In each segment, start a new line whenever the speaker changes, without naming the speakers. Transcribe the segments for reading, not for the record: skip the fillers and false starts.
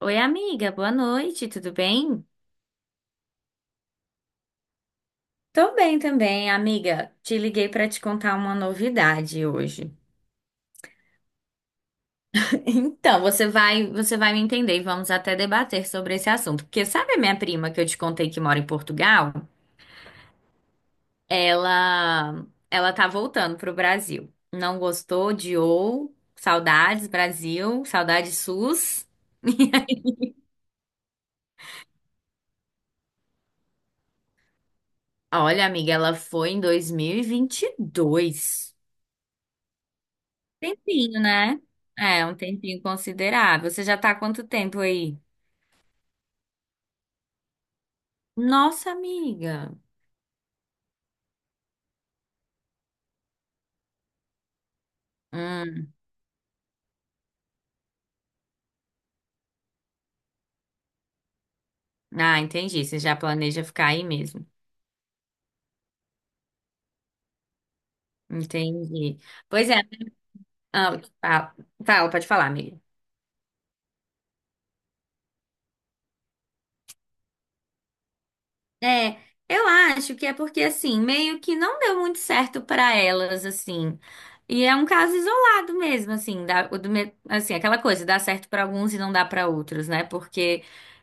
Oi, amiga, boa noite, tudo bem? Tô bem também, amiga. Te liguei pra te contar uma novidade hoje. Então, você vai me entender e vamos até debater sobre esse assunto, porque sabe a minha prima que eu te contei que mora em Portugal? Ela tá voltando pro Brasil. Não gostou, odiou, saudades Brasil, saudades SUS. Olha, amiga, ela foi em dois mil e vinte e dois. Tempinho, né? É, um tempinho considerável. Você já tá há quanto tempo aí? Nossa, amiga. Hum, ah, entendi. Você já planeja ficar aí mesmo. Entendi. Pois é. Ah, ah, fala, pode falar, amiga. É, eu acho que é porque assim, meio que não deu muito certo pra elas assim. E é um caso isolado mesmo, assim, da, o do, me- assim, aquela coisa, dá certo pra alguns e não dá pra outros, né? Porque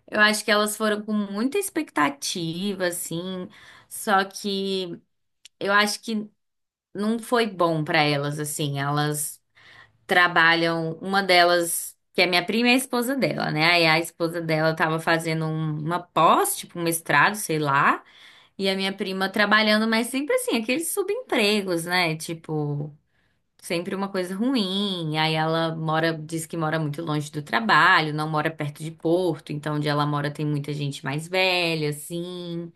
eu acho que elas foram com muita expectativa, assim, só que eu acho que não foi bom pra elas, assim. Elas trabalham, uma delas, que é minha prima, é a esposa dela, né? Aí a esposa dela tava fazendo uma pós, tipo um mestrado, sei lá. E a minha prima trabalhando, mas sempre assim, aqueles subempregos, né? Tipo, sempre uma coisa ruim. Aí ela mora, diz que mora muito longe do trabalho, não mora perto de Porto, então onde ela mora tem muita gente mais velha, assim.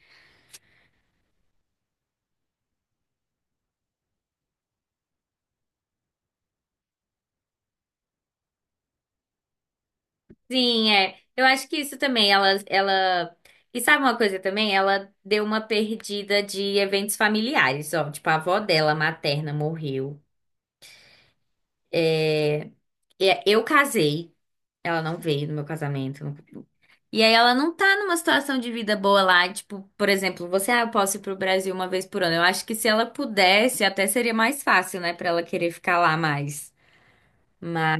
Sim, é. Eu acho que isso também, ela... E sabe uma coisa também? Ela deu uma perdida de eventos familiares, ó. Tipo, a avó dela, materna, morreu. É... é, eu casei. Ela não veio no meu casamento. E aí ela não tá numa situação de vida boa lá, tipo, por exemplo, você, ah, eu posso ir pro Brasil uma vez por ano. Eu acho que se ela pudesse, até seria mais fácil, né, pra ela querer ficar lá mais. Mas,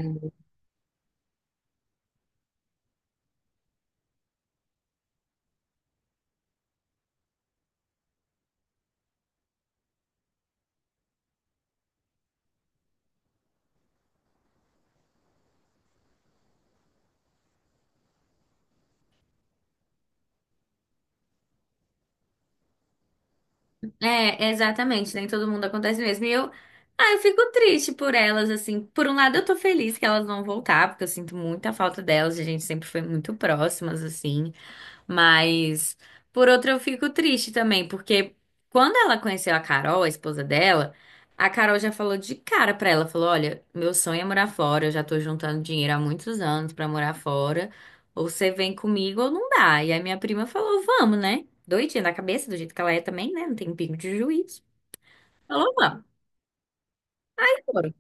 é, exatamente, nem todo mundo acontece mesmo. E eu, ah, eu fico triste por elas, assim. Por um lado, eu tô feliz que elas vão voltar, porque eu sinto muita falta delas, a gente sempre foi muito próximas, assim. Mas, por outro, eu fico triste também, porque quando ela conheceu a Carol, a esposa dela, a Carol já falou de cara pra ela, falou: "Olha, meu sonho é morar fora, eu já tô juntando dinheiro há muitos anos pra morar fora, ou você vem comigo ou não dá". E a minha prima falou: "Vamos, né?" Doidinha da cabeça, do jeito que ela é também, né? Não tem pingo de juízo. Falou: "Vamos". Aí foram.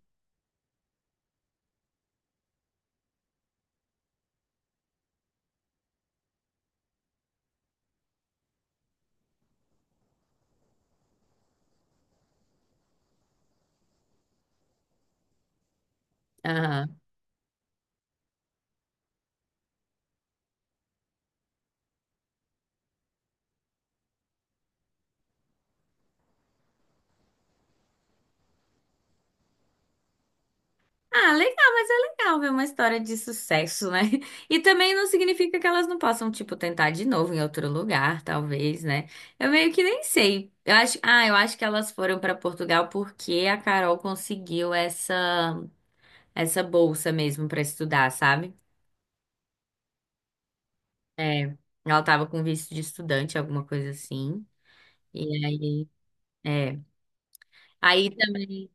Aham. Ah, legal, mas é legal ver uma história de sucesso, né? E também não significa que elas não possam, tipo, tentar de novo em outro lugar, talvez, né? Eu meio que nem sei. Eu acho, ah, eu acho que elas foram pra Portugal porque a Carol conseguiu essa bolsa mesmo pra estudar, sabe? É, ela tava com visto de estudante, alguma coisa assim. E aí, é. Aí também,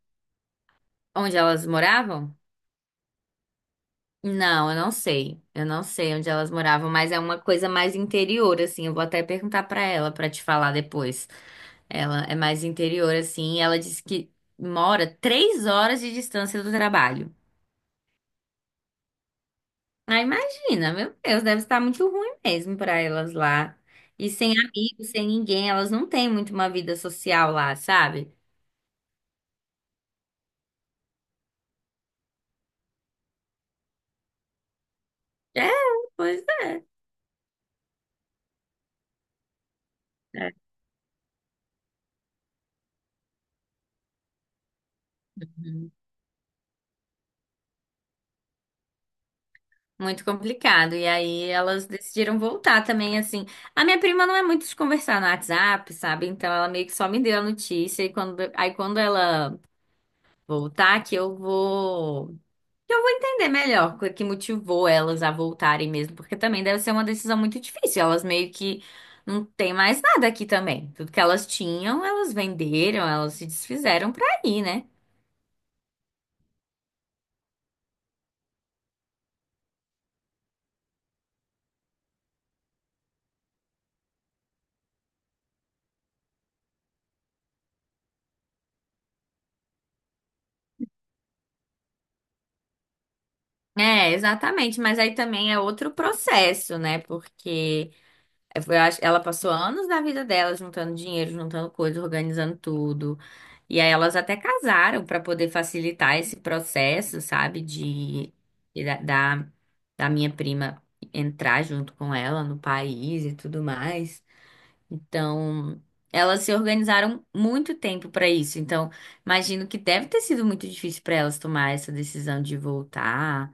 onde elas moravam? Não, eu não sei. Eu não sei onde elas moravam, mas é uma coisa mais interior, assim. Eu vou até perguntar pra ela pra te falar depois. Ela é mais interior, assim. Ela disse que mora 3 horas de distância do trabalho. Ah, imagina, meu Deus, deve estar muito ruim mesmo pra elas lá. E sem amigos, sem ninguém, elas não têm muito uma vida social lá, sabe? É, pois é. Muito complicado. E aí elas decidiram voltar também, assim. A minha prima não é muito de conversar no WhatsApp, sabe? Então ela meio que só me deu a notícia. E quando, aí quando ela voltar, que eu vou. Que eu vou entender melhor o que motivou elas a voltarem mesmo. Porque também deve ser uma decisão muito difícil. Elas meio que não têm mais nada aqui também. Tudo que elas tinham, elas venderam, elas se desfizeram pra ir, né? É, exatamente. Mas aí também é outro processo, né? Porque. Ela passou anos da vida dela juntando dinheiro, juntando coisa, organizando tudo. E aí elas até casaram para poder facilitar esse processo, sabe, de- da, da da minha prima entrar junto com ela no país e tudo mais. Então, elas se organizaram muito tempo para isso. Então, imagino que deve ter sido muito difícil para elas tomar essa decisão de voltar.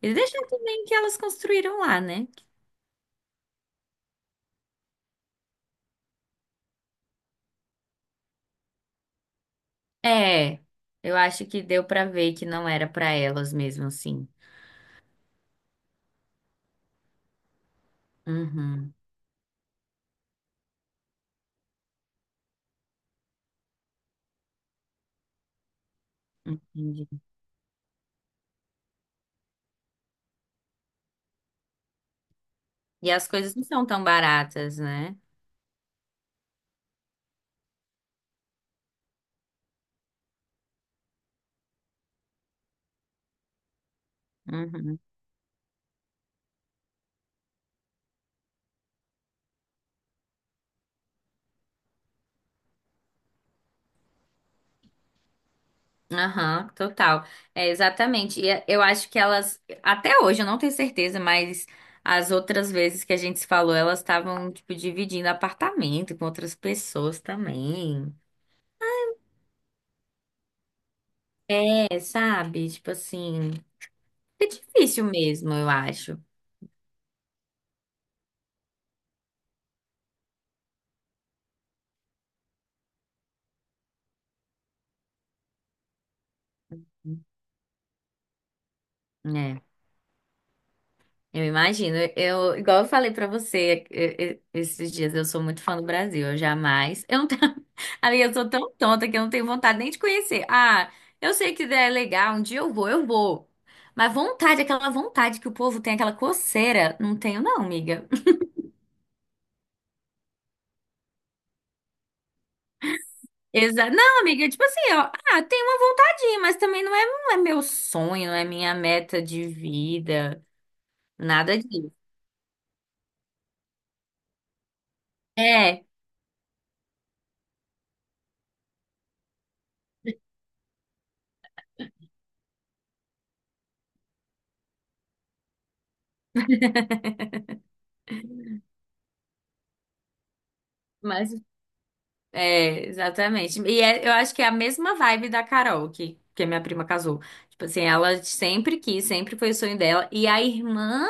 E deixar também que elas construíram lá, né? É, eu acho que deu pra ver que não era pra elas mesmo assim. Uhum, entendi. E as coisas não são tão baratas, né? Uhum. Aham, total. É, exatamente. E eh, eu acho que elas, até hoje, eu não tenho certeza, mas as outras vezes que a gente se falou, elas estavam, tipo, dividindo apartamento com outras pessoas também. É, sabe? Tipo assim, é difícil mesmo, eu acho. É. Eu imagino. Eu, igual eu falei pra você esses dias, eu sou muito fã do Brasil. Eu jamais. Eu não tenho, amiga, eu sou tão tonta que eu não tenho vontade nem de conhecer. Ah, eu sei que é legal, um dia eu vou, eu vou. Mas vontade, aquela vontade que o povo tem, aquela coceira, não tenho, não, amiga. Exa não, amiga, tipo assim, ó, ah, tem uma vontadinha, mas também não é, não é meu sonho, não é minha meta de vida, nada disso. É, mas É, exatamente. E eu acho que é a mesma vibe da Carol, que a minha prima casou. Tipo assim, ela sempre quis, sempre foi o sonho dela. E a irmã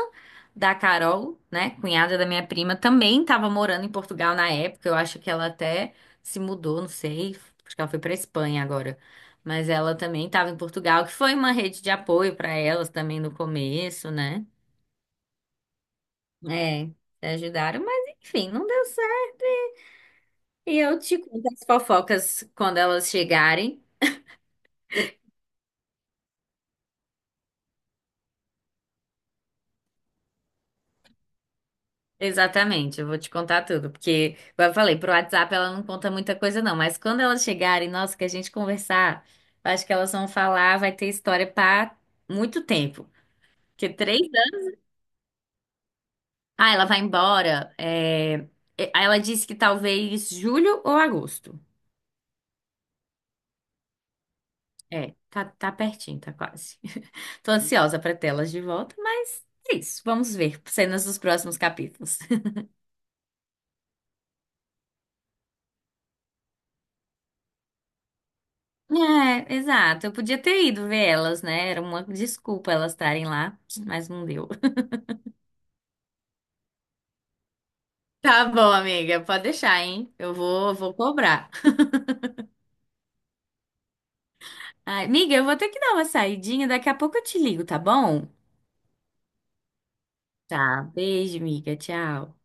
da Carol, né, cunhada da minha prima, também estava morando em Portugal na época. Eu acho que ela até se mudou, não sei. Acho que ela foi para Espanha agora. Mas ela também estava em Portugal, que foi uma rede de apoio para elas também no começo, né? É, ajudaram, mas enfim, não deu certo. E eu te conto as fofocas quando elas chegarem. Exatamente, eu vou te contar tudo, porque, como eu falei, pro WhatsApp ela não conta muita coisa não, mas quando elas chegarem, nossa, que a gente conversar, eu acho que elas vão falar, vai ter história para muito tempo, porque 3 anos, ah, ela vai embora, é... é, aí ela disse que talvez julho ou agosto, é, tá, tá pertinho, tá quase, tô ansiosa para tê-las de volta, mas é isso, vamos ver cenas dos próximos capítulos. É, exato. Eu podia ter ido ver elas, né? Era uma desculpa elas estarem lá, mas não deu. Tá bom, amiga, pode deixar, hein? Eu vou, vou cobrar. Ai, amiga, eu vou ter que dar uma saidinha, daqui a pouco eu te ligo, tá bom? Tá. Beijo, amiga. Tchau.